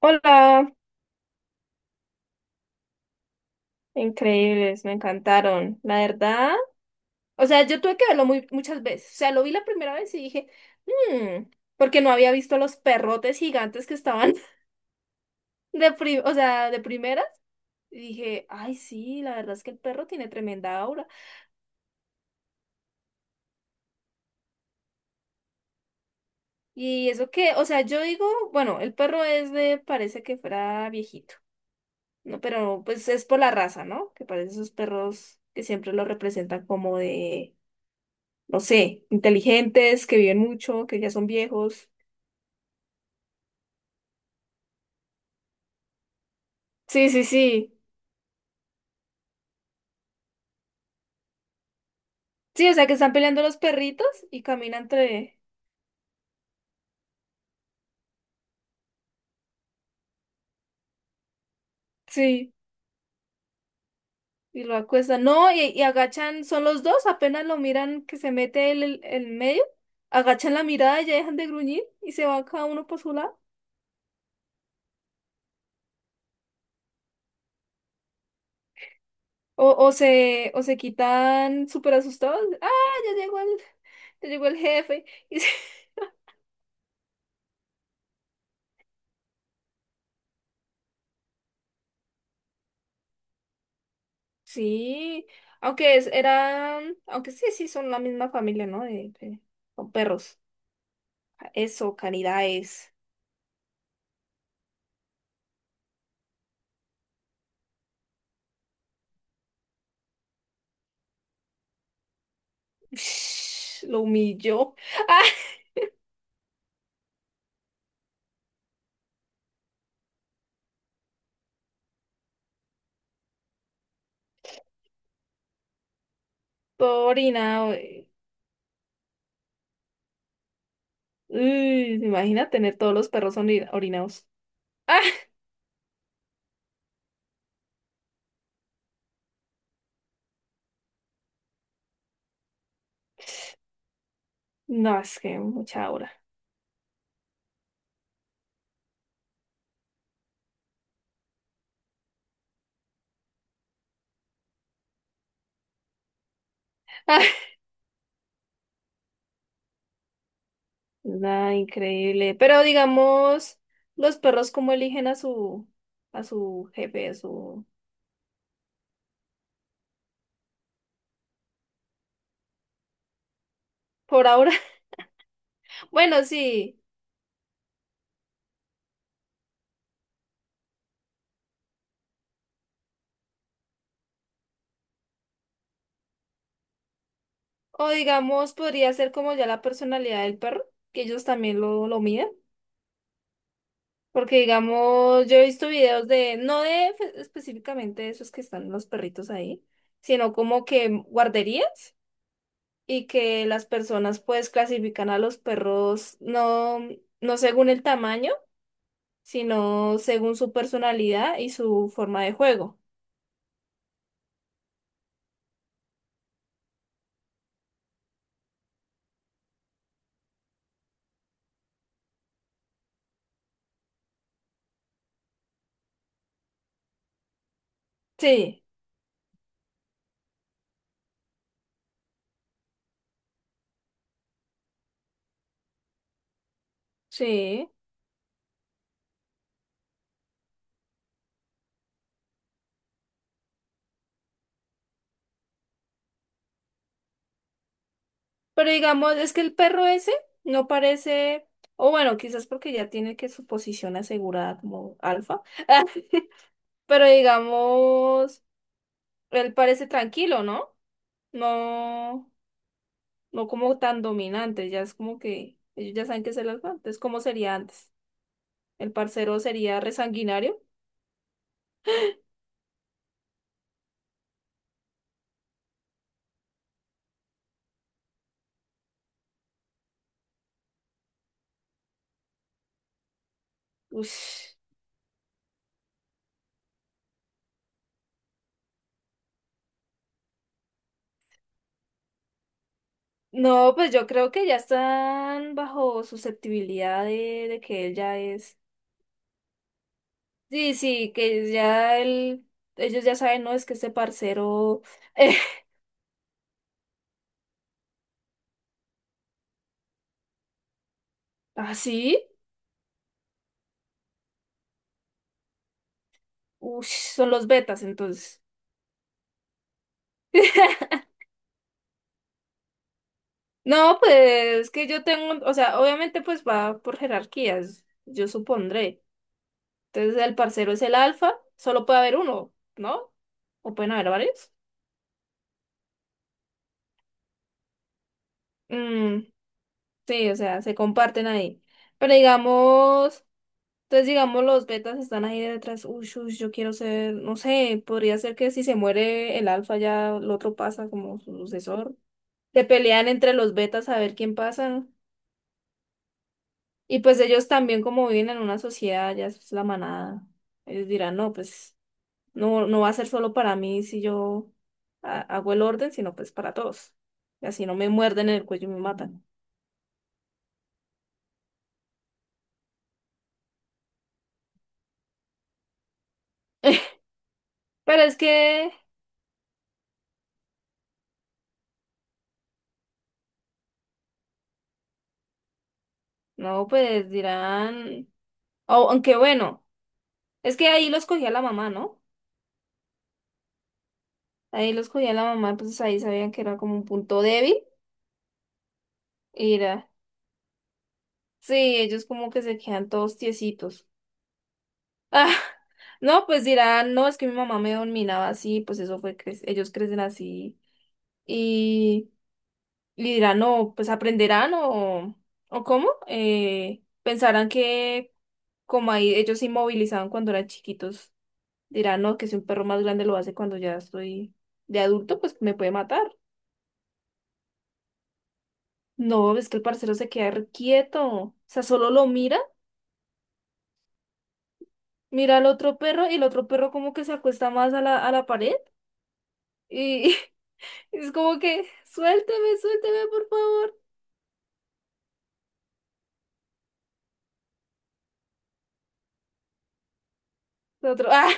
Hola, increíbles, me encantaron. La verdad, o sea, yo tuve que verlo muy, muchas veces. O sea, lo vi la primera vez y dije, "Mm", porque no había visto los perrotes gigantes que estaban o sea, de primeras. Y dije, ay, sí, la verdad es que el perro tiene tremenda aura. Y eso que, o sea, yo digo, bueno, el perro es de, parece que fuera viejito, ¿no? Pero pues es por la raza, ¿no? Que parece esos perros que siempre lo representan como de no sé, inteligentes, que viven mucho, que ya son viejos. Sí, sí, sí. Sí, o sea, que están peleando los perritos y caminan entre... Sí, y lo acuestan. No, y agachan, son los dos, apenas lo miran que se mete el medio, agachan la mirada, ya dejan de gruñir y se va cada uno por su lado. O se quitan súper asustados. Ah, ya llegó ya llegó el jefe. Y se- Sí, eran, aunque sí, sí, son la misma familia, ¿no? De- son perros. Eso, Canidaes. Ush, lo humilló. ¡Ah! Todo orinado. Uy, imagina tener todos los perros orinados. ¡Ah! No, es que mucha hora. ¡Ah! Nada, increíble. Pero digamos, los perros cómo eligen a su jefe, a su... Por ahora. Bueno, sí. O digamos, podría ser como ya la personalidad del perro, que ellos también lo miden. Porque digamos, yo he visto videos de, no de fe- específicamente de esos que están los perritos ahí, sino como que guarderías y que las personas pues clasifican a los perros no, no según el tamaño, sino según su personalidad y su forma de juego. Sí, sí. Pero digamos, es que el perro ese no parece, o bueno, quizás porque ya tiene que su posición asegurada como alfa, pero digamos, él parece tranquilo, ¿no? No, no como tan dominante, ya es como que ellos ya saben que es el alfa, entonces, ¿cómo sería antes? ¿El parcero sería resanguinario? Ush. No, pues yo creo que ya están bajo susceptibilidad de que él ya es. Sí, sí, que ya el, ellos ya saben, no, es que este parcero. ¿Ah, sí? Ush, son los betas entonces. No, pues que yo tengo, o sea, obviamente pues va por jerarquías, yo supondré. Entonces el parcero es el alfa, solo puede haber uno, ¿no? ¿O pueden haber varios? Mm, sí, o sea, se comparten ahí. Pero digamos. Entonces, digamos, los betas están ahí detrás. Uy, uy, yo quiero ser, no sé, podría ser que si se muere el alfa ya el otro pasa como su sucesor. Se pelean entre los betas a ver quién pasa. Y pues ellos también como viven en una sociedad, ya es la manada. Ellos dirán, no, pues no, no va a ser solo para mí si yo hago el orden, sino pues para todos. Y así no me muerden en el cuello y me matan. Pero es que, no, pues dirán, o aunque bueno, es que ahí los cogía la mamá, ¿no? Ahí los cogía la mamá, pues ahí sabían que era como un punto débil. Y era, sí, ellos como que se quedan todos tiesitos. Ah, no, pues dirán, no, es que mi mamá me dominaba así, pues eso fue, ellos crecen así. Y, y dirán, no, pues aprenderán o cómo. Pensarán que como ahí ellos se inmovilizaban cuando eran chiquitos, dirán, no, que si un perro más grande lo hace cuando ya estoy de adulto, pues me puede matar. No, es que el parcero se queda re quieto. O sea, solo lo mira, mira al otro perro y el otro perro como que se acuesta más a la pared y es como que, suélteme, suélteme, por favor. El otro, ah,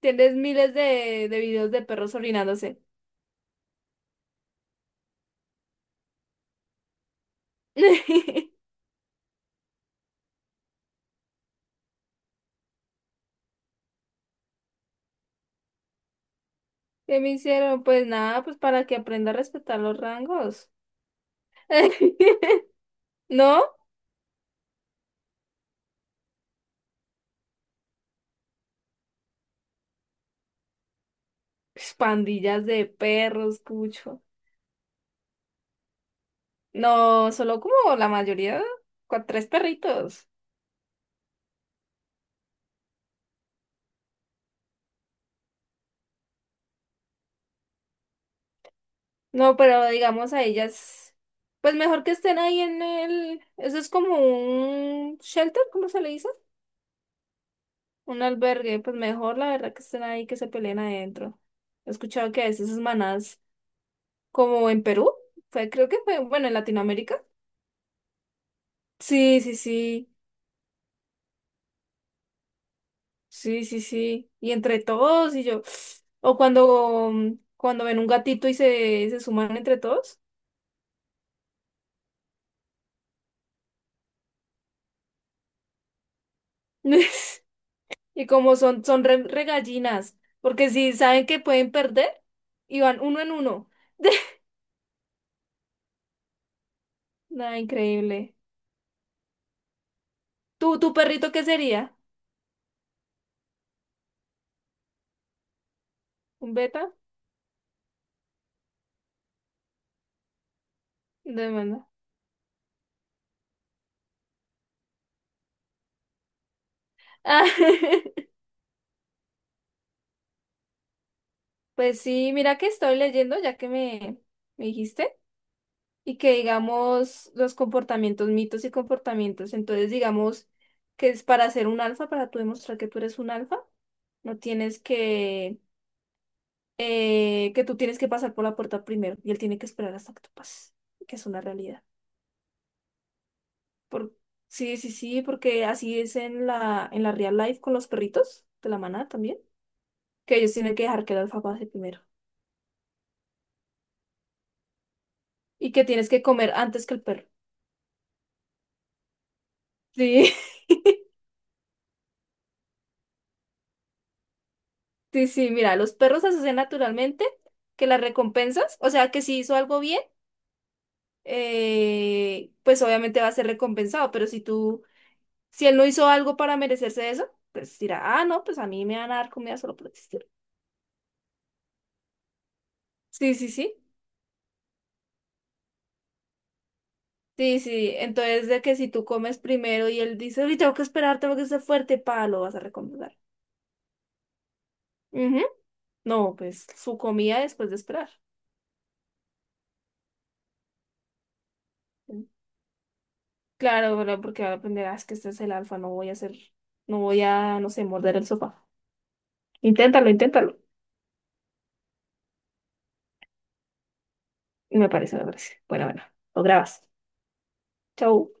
tienes miles de videos de perros orinándose. ¿Qué me hicieron? Pues nada, pues para que aprenda a respetar los rangos. ¿No? Pues, pandillas de perros, cucho. No, solo como la mayoría, tres perritos. No, pero digamos a ellas, pues mejor que estén ahí en el, eso es como un shelter, ¿cómo se le dice? Un albergue, pues mejor la verdad que estén ahí, que se peleen adentro. He escuchado que a veces esas manadas, como en Perú, fue, creo que fue, bueno, en Latinoamérica. Sí, sí, sí, sí, sí, sí. Y entre todos y yo, o cuando, cuando ven un gatito y se suman entre todos. Y como son, son re, re gallinas, porque si saben que pueden perder, y van uno en uno. Nada, increíble. ¿Tú, tu perrito qué sería? ¿Un beta? De mano. Ah, pues sí, mira que estoy leyendo, ya que me dijiste, y que digamos los comportamientos, mitos y comportamientos. Entonces, digamos que es para ser un alfa, para tú demostrar que tú eres un alfa, no tienes que tú tienes que pasar por la puerta primero y él tiene que esperar hasta que tú pases, que es una realidad. Por... Sí, sí, sí, porque así es en la real life con los perritos de la manada también, que ellos tienen que dejar que el alfa pase primero y que tienes que comer antes que el perro. Sí, sí, sí, mira, los perros hacen naturalmente que las recompensas, o sea, que si hizo algo bien, pues obviamente va a ser recompensado, pero si tú, si él no hizo algo para merecerse eso, pues dirá, ah, no, pues a mí me van a dar comida solo por existir. Sí, sí, sí. Sí, sí. Entonces, de que si tú comes primero y él dice, uy, tengo que esperar, tengo que ser fuerte, pa, lo vas a recomendar. Ujú. No, pues su comida después de esperar. Sí. Claro, bueno, porque ahora aprenderás que este es el alfa, no voy a hacer, no voy a, no sé, morder el sofá. Inténtalo, inténtalo. Me parece, me parece. Bueno, bueno, lo grabas. Chau.